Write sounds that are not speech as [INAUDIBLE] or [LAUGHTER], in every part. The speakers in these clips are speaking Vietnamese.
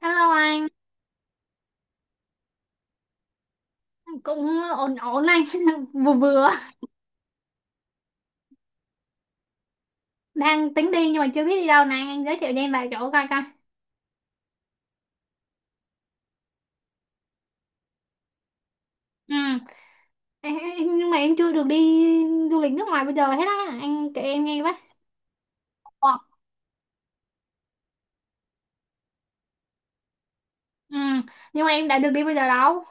Hello anh, cũng ổn ổn anh, [LAUGHS] vừa vừa đang tính đi nhưng mà chưa biết đi đâu này, anh giới thiệu cho em vài chỗ coi coi. Ừ, nhưng mà em chưa được đi du lịch nước ngoài bây giờ hết á, anh kể em nghe với. Ồ, ừ, nhưng mà em đã được đi bây giờ đâu.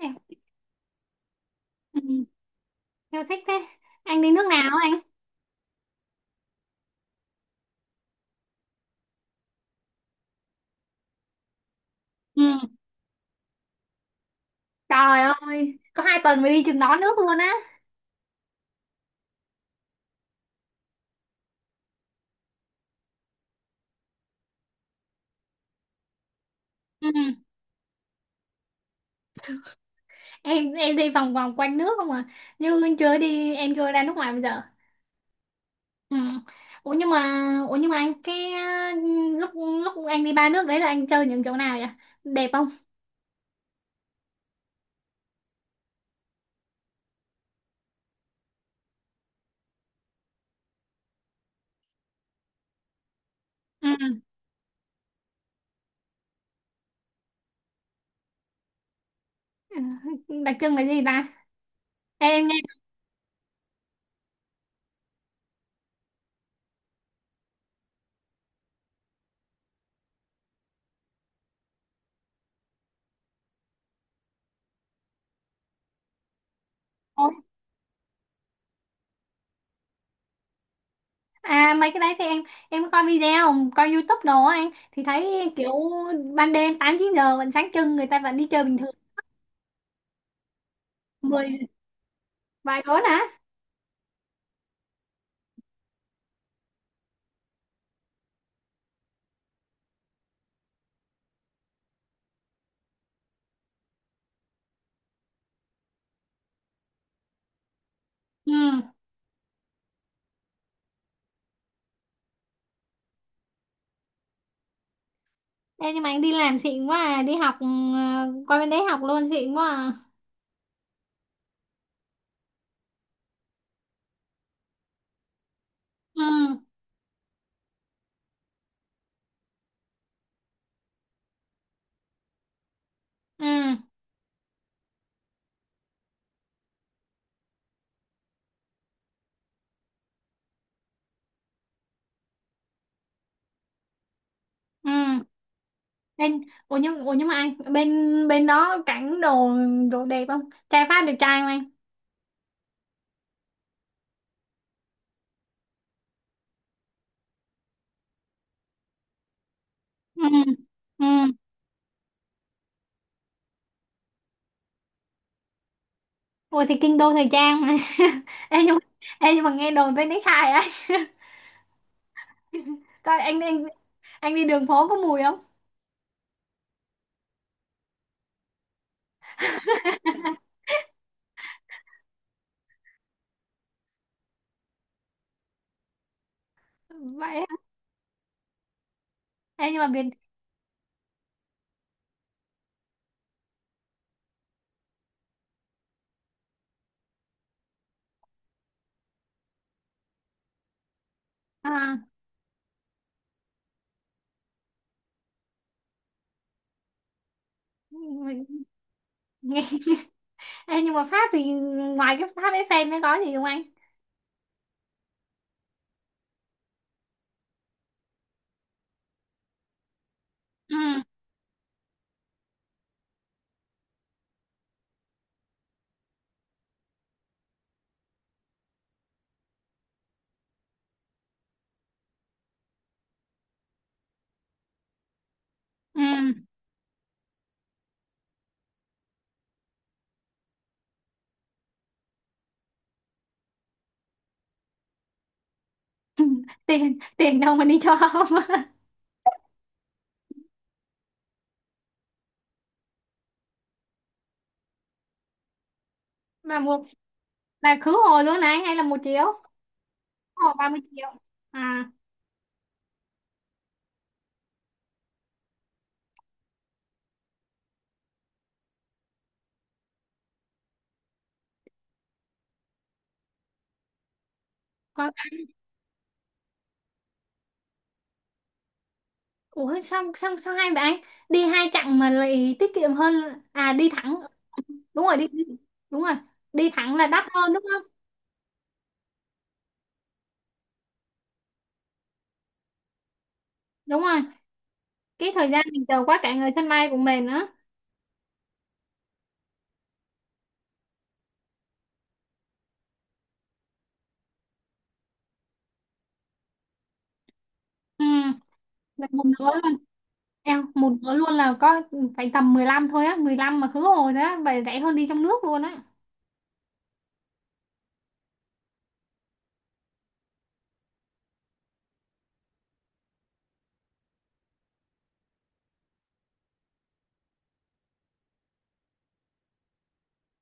Em, ừ, em thích thế. Anh đi nước nào anh? Ừ, trời ơi, có 2 tuần mới đi chừng đó nước luôn á. Ừ, em đi vòng vòng quanh nước không à, như chưa đi, em chưa ra nước ngoài bây giờ. Ừ. Ủa nhưng mà, ủa nhưng mà anh cái lúc lúc anh đi ba nước đấy là anh chơi những chỗ nào vậy? Đẹp không? Ừ. [LAUGHS] Ừ. Đặc trưng là gì ta? Ê, em nghe nói- à, mấy cái đấy thì em có coi video, coi YouTube đồ á, anh thì thấy kiểu ban đêm 8 9 giờ vẫn sáng trưng, người ta vẫn đi chơi bình thường. Mười vài bốn hả? Ừ. Ê, nhưng mà anh đi làm xịn quá à, đi học qua bên đấy học luôn xịn quá à. Ừ. Ừ. Ừ. bên ủa nhưng mà anh bên bên đó cảnh đồ đồ đẹp không? Trai Pháp đẹp trai không anh? Ừ, ừ. Ủa thì kinh đô thời trang mà. [LAUGHS] ê nhưng ê nhưng mà nghe đồn bên đấy khai á. [LAUGHS] Coi anh đi đường phố có mùi không? Vậy hả? Ê nhưng mà Việt à, nghe ê nhưng mà Pháp thì ngoài cái Pháp Eiffel nó có gì không anh? Ừ, ừ. [LAUGHS] Tiền tiền đâu mà đi cho không? [LAUGHS] Mà một là khứ hồi luôn này hay là một triệu? Khứ hồi 30 triệu à? Ủa sao sao sao hai bạn đi hai chặng mà lại tiết kiệm hơn? À, đi thẳng. Đúng rồi, đi, đúng rồi, đi thẳng là đắt hơn đúng không? Đúng rồi, cái thời gian mình chờ quá cả người sân bay của mình nữa. Ừ, là một nửa luôn em, một nửa luôn là có phải tầm 15 thôi á, 15 mà khứ hồi đó vậy rẻ hơn đi trong nước luôn á.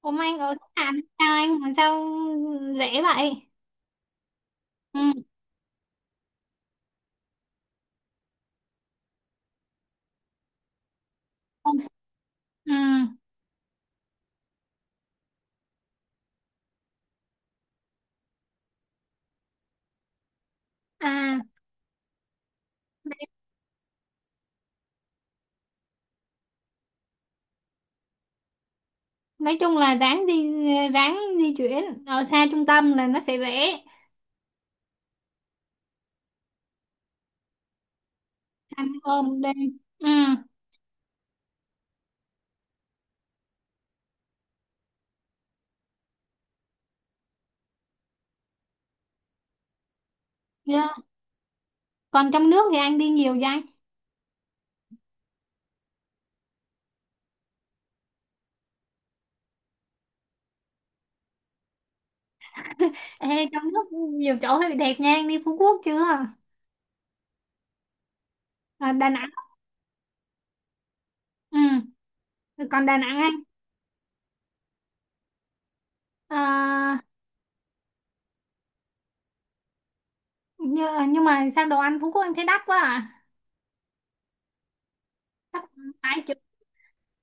Ôm anh ở khách sạn sao anh, mà sao rẻ vậy? Ừ. Không. Ừ. À, nói chung là ráng di chuyển ở xa trung tâm là nó sẽ rẻ. Ăn cơm đi. Ừ. Yeah. Còn trong nước thì anh đi nhiều vậy? Ê, trong nước nhiều chỗ thì đẹp nha, anh đi Phú Quốc chưa? À, Đà Nẵng. Ừ, còn Đà Nẵng anh à? Nhưng mà sao đồ ăn Phú Quốc anh thấy đắt quá à? Đắt phải chứ.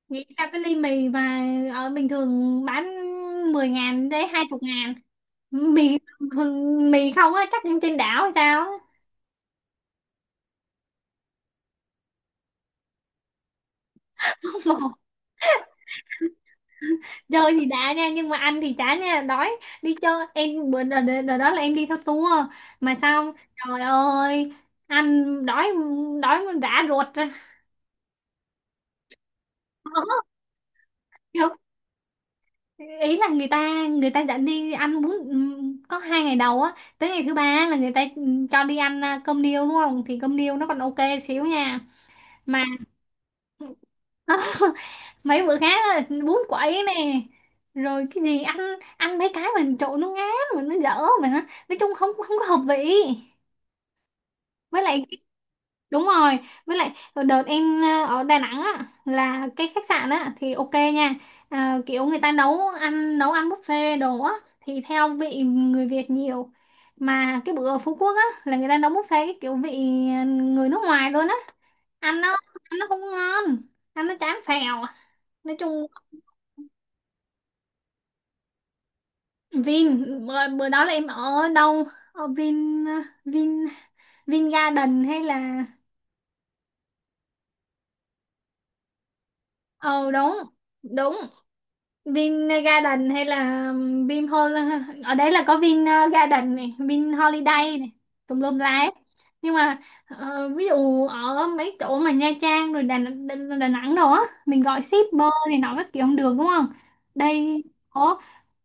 Nghĩ ra cái ly mì mà ở bình thường bán 10.000 đến 20 ngàn mì. Mì không á chắc trên đảo hay sao á. [LAUGHS] Chơi thì đã nha nhưng mà ăn thì chả nha, đói. Đi chơi em bữa đợt đó là em đi theo tour, mà sao trời ơi, ăn đói, đói mà rã ruột ra. Kiểu, ý là người ta dẫn đi ăn bún, có 2 ngày đầu á, tới ngày thứ ba á là người ta cho đi ăn cơm điêu đúng không, thì cơm điêu nó còn ok xíu nha, mà [LAUGHS] mấy bữa khác á, bún quậy nè, rồi cái gì ăn ăn mấy cái mình trộn nó ngán mà nó dở mà nói chung không không có hợp vị. Với lại đúng rồi, với lại đợt em ở Đà Nẵng á là cái khách sạn á thì ok nha, à, kiểu người ta nấu ăn buffet đồ á thì theo vị người Việt nhiều. Mà cái bữa ở Phú Quốc á là người ta nấu buffet cái kiểu vị người nước ngoài luôn á, ăn nó ăn nó không ngon, ăn nó chán phèo nói chung. Vin bữa đó là em ở đâu, ở Vin Vin Vin Garden hay là, ờ đúng đúng, Vin Garden hay là Vin Hol, ở đấy là có Vin Garden này, Vin Holiday này, tùm lum la hết. Nhưng mà ví dụ ở mấy chỗ mà Nha Trang rồi Đà Nẵng đồ á, mình gọi shipper này nọ các kiểu không được đúng không? Đây, ở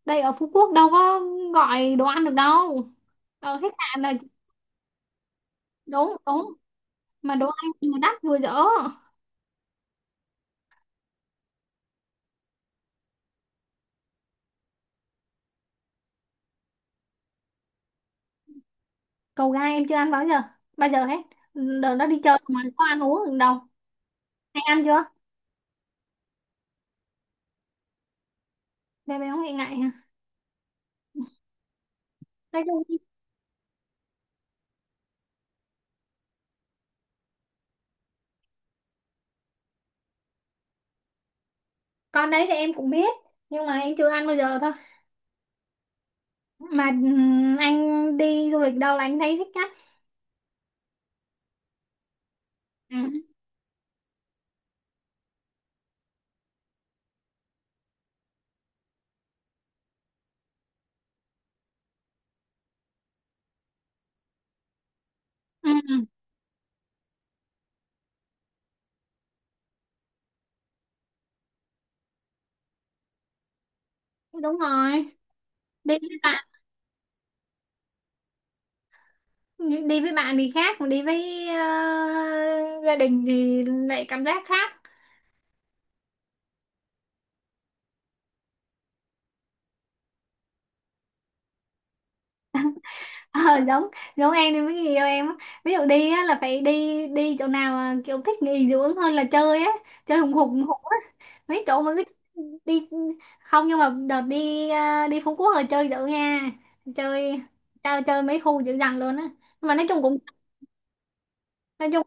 đây ở Phú Quốc đâu có gọi đồ ăn được đâu. Ở khách sạn là đúng đúng, mà đồ ăn vừa đắt vừa dở. Cầu gai em chưa ăn bao giờ hết. Đợt đó đi chơi mà có ăn uống được đâu. Hay ăn chưa? Bé bé không nghĩ ngại nói chung, con đấy thì em cũng biết nhưng mà em chưa ăn bao giờ thôi. Mà anh đi du lịch đâu là anh thấy thích nhất? Ừ. Ừ. Đúng rồi, đi với bạn, đi với bạn thì khác, còn đi với gia đình thì lại cảm giác khác. Ờ, giống giống em thì mới người yêu em á. Ví dụ đi á, là phải đi đi chỗ nào mà kiểu thích nghỉ dưỡng hơn là chơi á, chơi hùng hục á, mấy chỗ mà thích đi. Không, nhưng mà đợt đi Phú Quốc là chơi dữ nha, chơi chơi chơi mấy khu dữ dằn luôn á, nhưng mà nói chung cũng, nói chung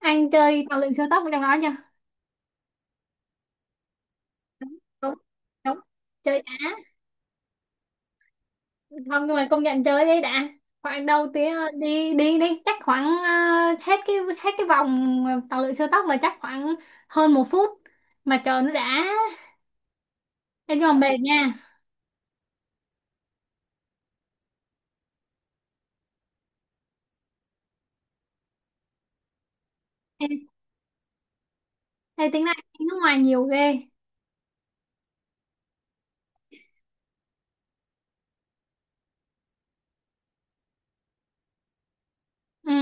anh chơi tàu lượn siêu tốc ở trong đó chưa? Đúng đúng, chơi đã. Không, nhưng mà công nhận chơi đấy đã khoảng đầu tiếng. Đi đi đi chắc khoảng hết cái vòng tàu lượn siêu tốc là chắc khoảng hơn 1 phút mà chờ nó đã em, nhưng mà mệt nha. Ê, ê tính ra anh nước ngoài nhiều ghê. Ừ.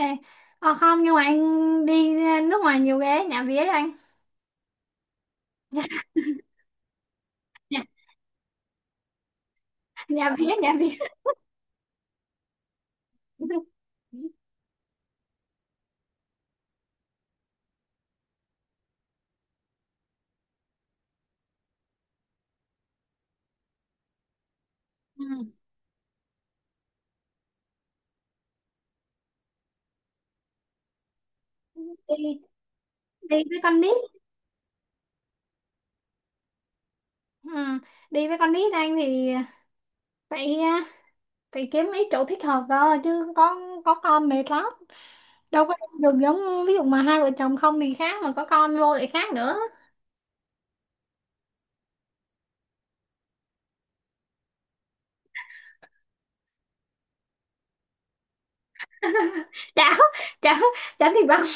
ê ờ không, nhưng mà anh đi nước ngoài nhiều ghê nhà vía đó anh. [LAUGHS] nhà, nhà, Nhà vía nhà vía. Ừ. đi đi với con nít. Ừ. Đi với con nít anh thì phải ờ, phải kiếm mấy chỗ thích hợp cơ, chứ có con mệt lắm, đâu có đem được. Giống ví dụ mà hai vợ chồng không thì khác, mà có con vô lại khác nữa. [LAUGHS] Cháo, cháo, cháo thịt băm.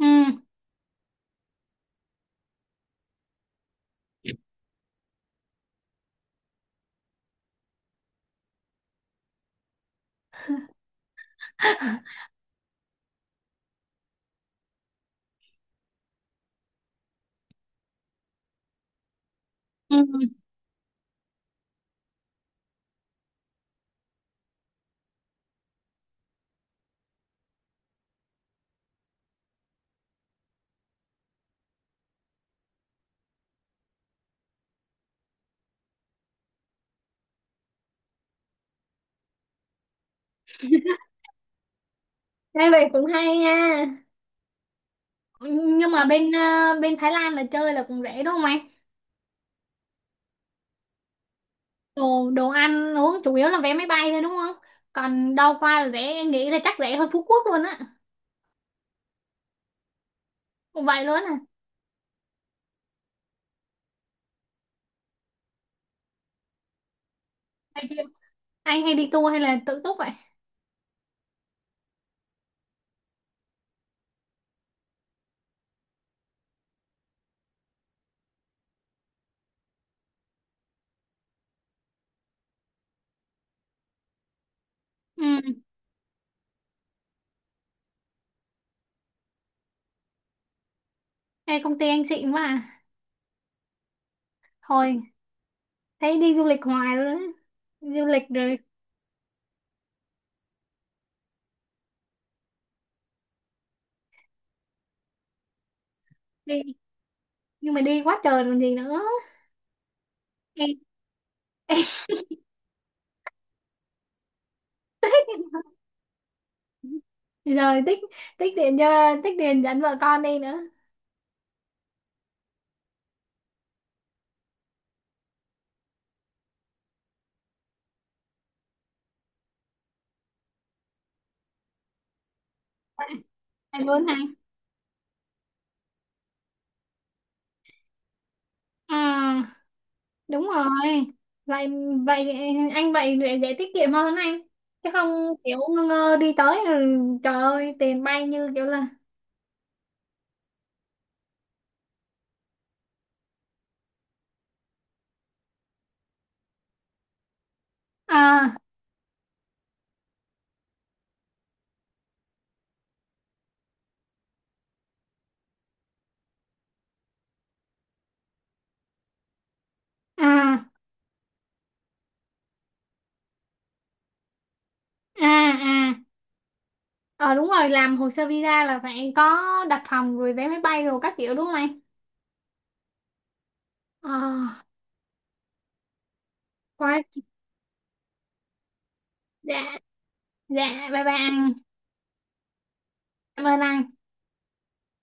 Ừ, ừ. Nghe vậy cũng hay nha, nhưng mà bên Thái Lan là chơi là cũng rẻ đúng không em? Đồ đồ ăn uống chủ yếu là vé máy bay thôi đúng không? Còn đâu qua là rẻ, em nghĩ là chắc rẻ hơn Phú Quốc luôn á. Vậy luôn à? Hay chưa? Anh hay đi tour hay là tự túc vậy? Ừ, hay công ty anh xịn quá à, thôi thấy đi du lịch hoài luôn á, du lịch rồi. Đi, nhưng mà đi quá trời còn gì nữa. Rồi tích, tích tiền cho tích tiền dẫn vợ con đi nữa. Anh muốn ha. À, đúng rồi, vậy vậy anh vậy để tiết kiệm hơn anh, chứ không kiểu ngơ ngơ đi tới rồi, trời ơi tiền bay như kiểu là. à à à à ờ Đúng rồi, làm hồ sơ visa là phải có đặt phòng rồi vé máy bay rồi các kiểu đúng không anh? ờ Quá đã. Dạ bye bye anh. Cảm ơn anh.